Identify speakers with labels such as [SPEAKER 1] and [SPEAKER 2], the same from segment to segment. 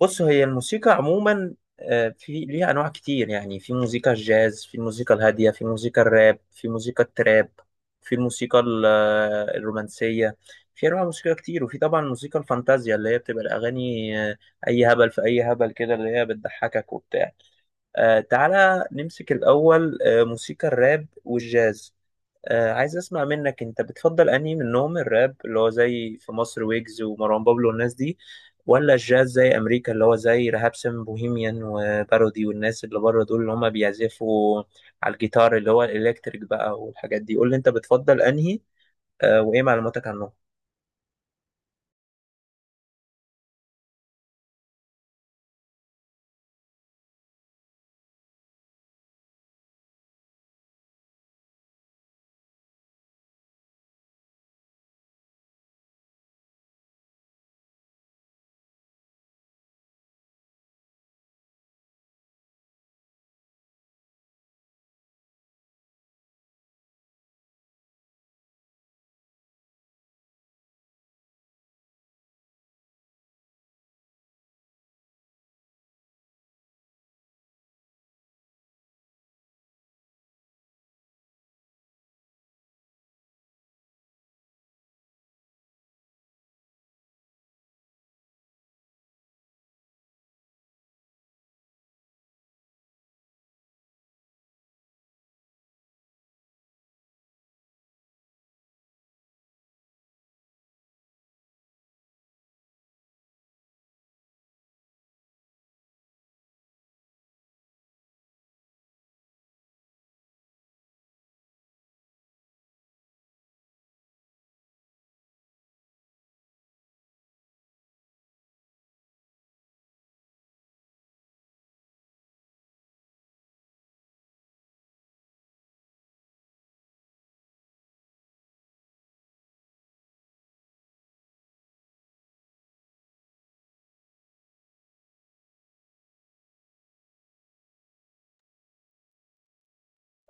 [SPEAKER 1] بص، هي الموسيقى عموما في ليها انواع كتير. يعني في موسيقى الجاز، في الموسيقى الهاديه، في موسيقى الراب، في موسيقى التراب، في الموسيقى الرومانسيه. في انواع موسيقى كتير، وفي طبعا موسيقى الفانتازيا اللي هي بتبقى الاغاني اي هبل، في اي هبل كده اللي هي بتضحكك وبتاع. تعالى نمسك الاول موسيقى الراب والجاز. عايز اسمع منك، انت بتفضل انهي منهم؟ الراب اللي هو زي في مصر، ويجز ومروان بابلو والناس دي، ولا الجاز زي امريكا اللي هو زي رهاب سم بوهيميان وبارودي والناس اللي بره دول، اللي هم بيعزفوا على الجيتار اللي هو الالكتريك بقى والحاجات دي. قول لي انت بتفضل انهي. وايه معلوماتك عنهم؟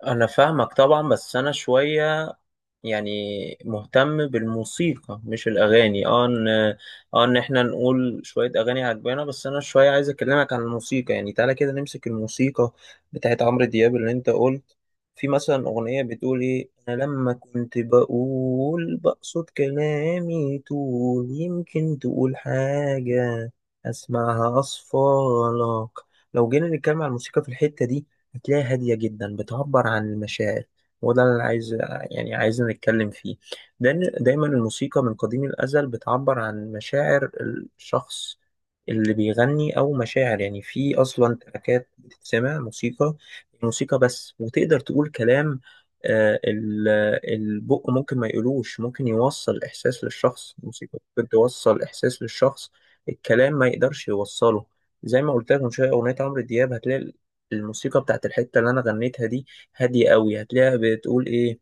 [SPEAKER 1] انا فاهمك طبعا، بس انا شويه يعني مهتم بالموسيقى مش الاغاني. ان احنا نقول شويه اغاني عجبانا، بس انا شويه عايز اكلمك عن الموسيقى. يعني تعالى كده نمسك الموسيقى بتاعت عمرو دياب اللي انت قلت. في مثلا اغنيه بتقول ايه: انا لما كنت بقول بقصد كلامي طول، يمكن تقول حاجه اسمعها اصفالك. لو جينا نتكلم عن الموسيقى في الحته دي، هتلاقيها هادية جدا، بتعبر عن المشاعر. وده اللي أنا عايز يعني عايزين نتكلم فيه. لأن دايما الموسيقى من قديم الأزل بتعبر عن مشاعر الشخص اللي بيغني، أو مشاعر يعني. في أصلا تراكات بتتسمع موسيقى، موسيقى بس، وتقدر تقول كلام، آه، ال- البق ممكن ما يقولوش، ممكن يوصل إحساس للشخص. الموسيقى ممكن توصل إحساس للشخص، الكلام ما يقدرش يوصله. زي ما قلت لك من شويه اغنيه عمرو دياب، هتلاقي الموسيقى بتاعت الحتة اللي أنا غنيتها دي هادية قوي. هتلاقيها بتقول إيه.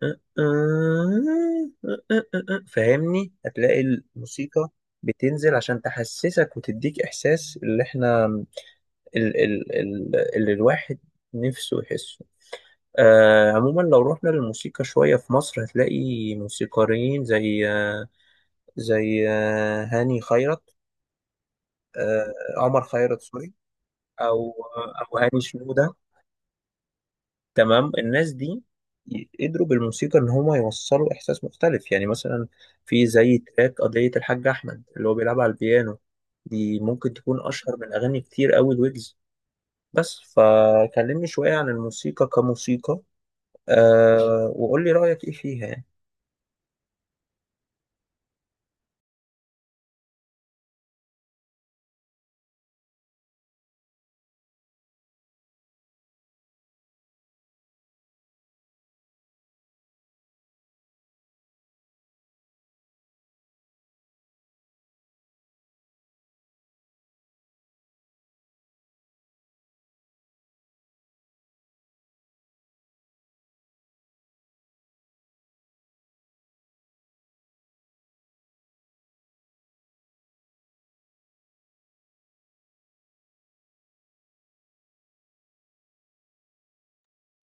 [SPEAKER 1] فاهمني؟ هتلاقي الموسيقى بتنزل عشان تحسسك وتديك إحساس اللي إحنا ال ال ال اللي الواحد نفسه يحسه. عموما، لو رحنا للموسيقى شوية في مصر، هتلاقي موسيقاريين زي هاني خيرت، عمر خيرت سوري، أو أو هاني شنودة. تمام. الناس دي قدروا بالموسيقى ان هما يوصلوا احساس مختلف. يعني مثلا في زي تراك قضية الحاج احمد اللي هو بيلعب على البيانو، دي ممكن تكون اشهر من اغاني كتير قوي الويجز. بس فكلمني شوية عن الموسيقى كموسيقى، أه وقول لي رأيك ايه فيها يعني.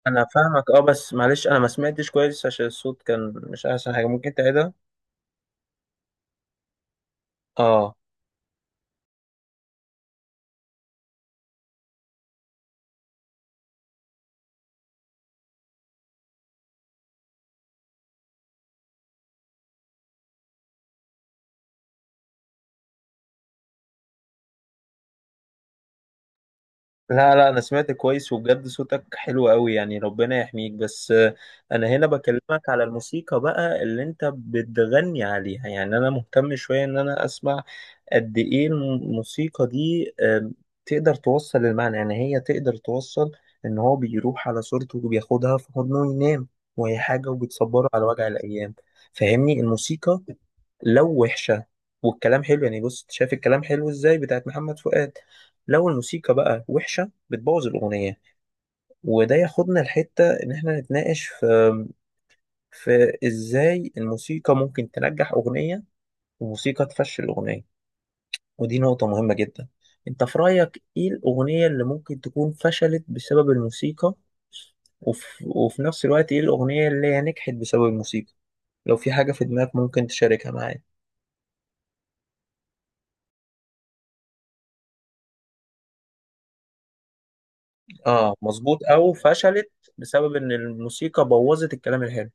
[SPEAKER 1] انا فاهمك، اه، بس معلش انا ما سمعتش كويس عشان الصوت كان مش احسن حاجة. ممكن تعيدها؟ اه. لا لا، انا سمعت كويس وبجد صوتك حلو قوي، يعني ربنا يحميك. بس انا هنا بكلمك على الموسيقى بقى اللي انت بتغني عليها. يعني انا مهتم شوية ان انا اسمع قد ايه الموسيقى دي تقدر توصل المعنى. يعني هي تقدر توصل ان هو بيروح على صورته وبياخدها في حضنه ينام، وهي حاجة وبتصبره على وجع الايام. فاهمني؟ الموسيقى لو وحشة والكلام حلو، يعني بص، شايف الكلام حلو ازاي بتاعت محمد فؤاد؟ لو الموسيقى بقى وحشة، بتبوظ الأغنية. وده ياخدنا لحتة إن إحنا نتناقش في إزاي الموسيقى ممكن تنجح أغنية، وموسيقى تفشل أغنية. ودي نقطة مهمة جدا. أنت في رأيك إيه الأغنية اللي ممكن تكون فشلت بسبب الموسيقى؟ وفي نفس الوقت إيه الأغنية اللي هي نجحت بسبب الموسيقى؟ لو في حاجة في دماغك ممكن تشاركها معايا. آه مظبوط، أو فشلت بسبب إن الموسيقى بوظت الكلام الحلو.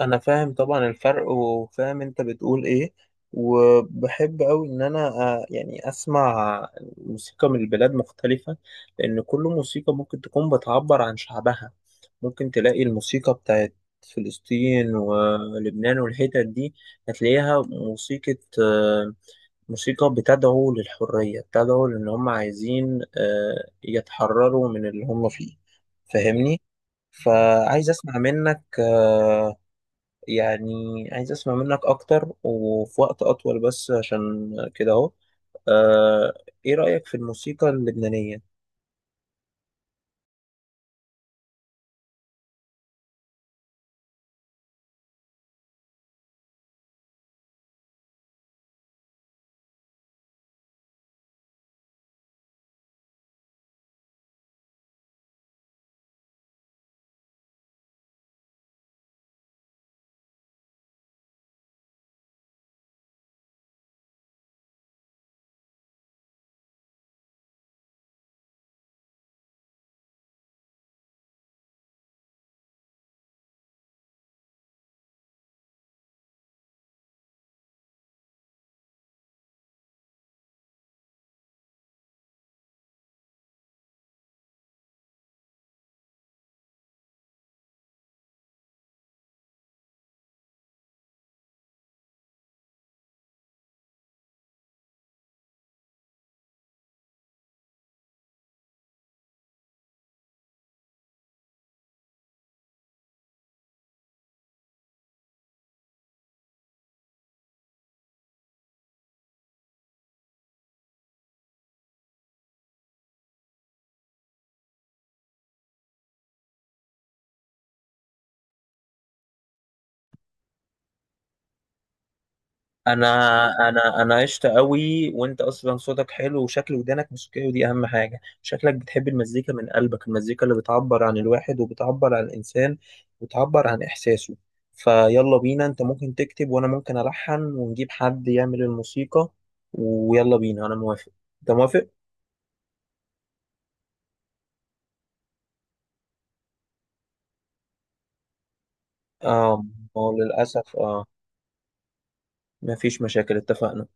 [SPEAKER 1] انا فاهم طبعا الفرق، وفاهم انت بتقول ايه. وبحب قوي ان انا يعني اسمع موسيقى من البلاد مختلفة، لان كل موسيقى ممكن تكون بتعبر عن شعبها. ممكن تلاقي الموسيقى بتاعت فلسطين ولبنان والحتت دي، هتلاقيها موسيقى آه، موسيقى بتدعو للحرية، بتدعو لان هم عايزين يتحرروا من اللي هم فيه. فاهمني؟ فعايز اسمع منك. يعني عايز اسمع منك اكتر وفي وقت اطول، بس عشان كده اهو آه، ايه رأيك في الموسيقى اللبنانية؟ انا انا عشت قوي، وانت اصلا صوتك حلو وشكل ودانك موسيقية، ودي اهم حاجة. شكلك بتحب المزيكا من قلبك، المزيكا اللي بتعبر عن الواحد وبتعبر عن الانسان وبتعبر عن احساسه. فيلا بينا، انت ممكن تكتب وانا ممكن الحن، ونجيب حد يعمل الموسيقى. ويلا بينا، انا موافق. انت موافق؟ اه، ما هو للاسف اه. مفيش مشاكل، اتفقنا.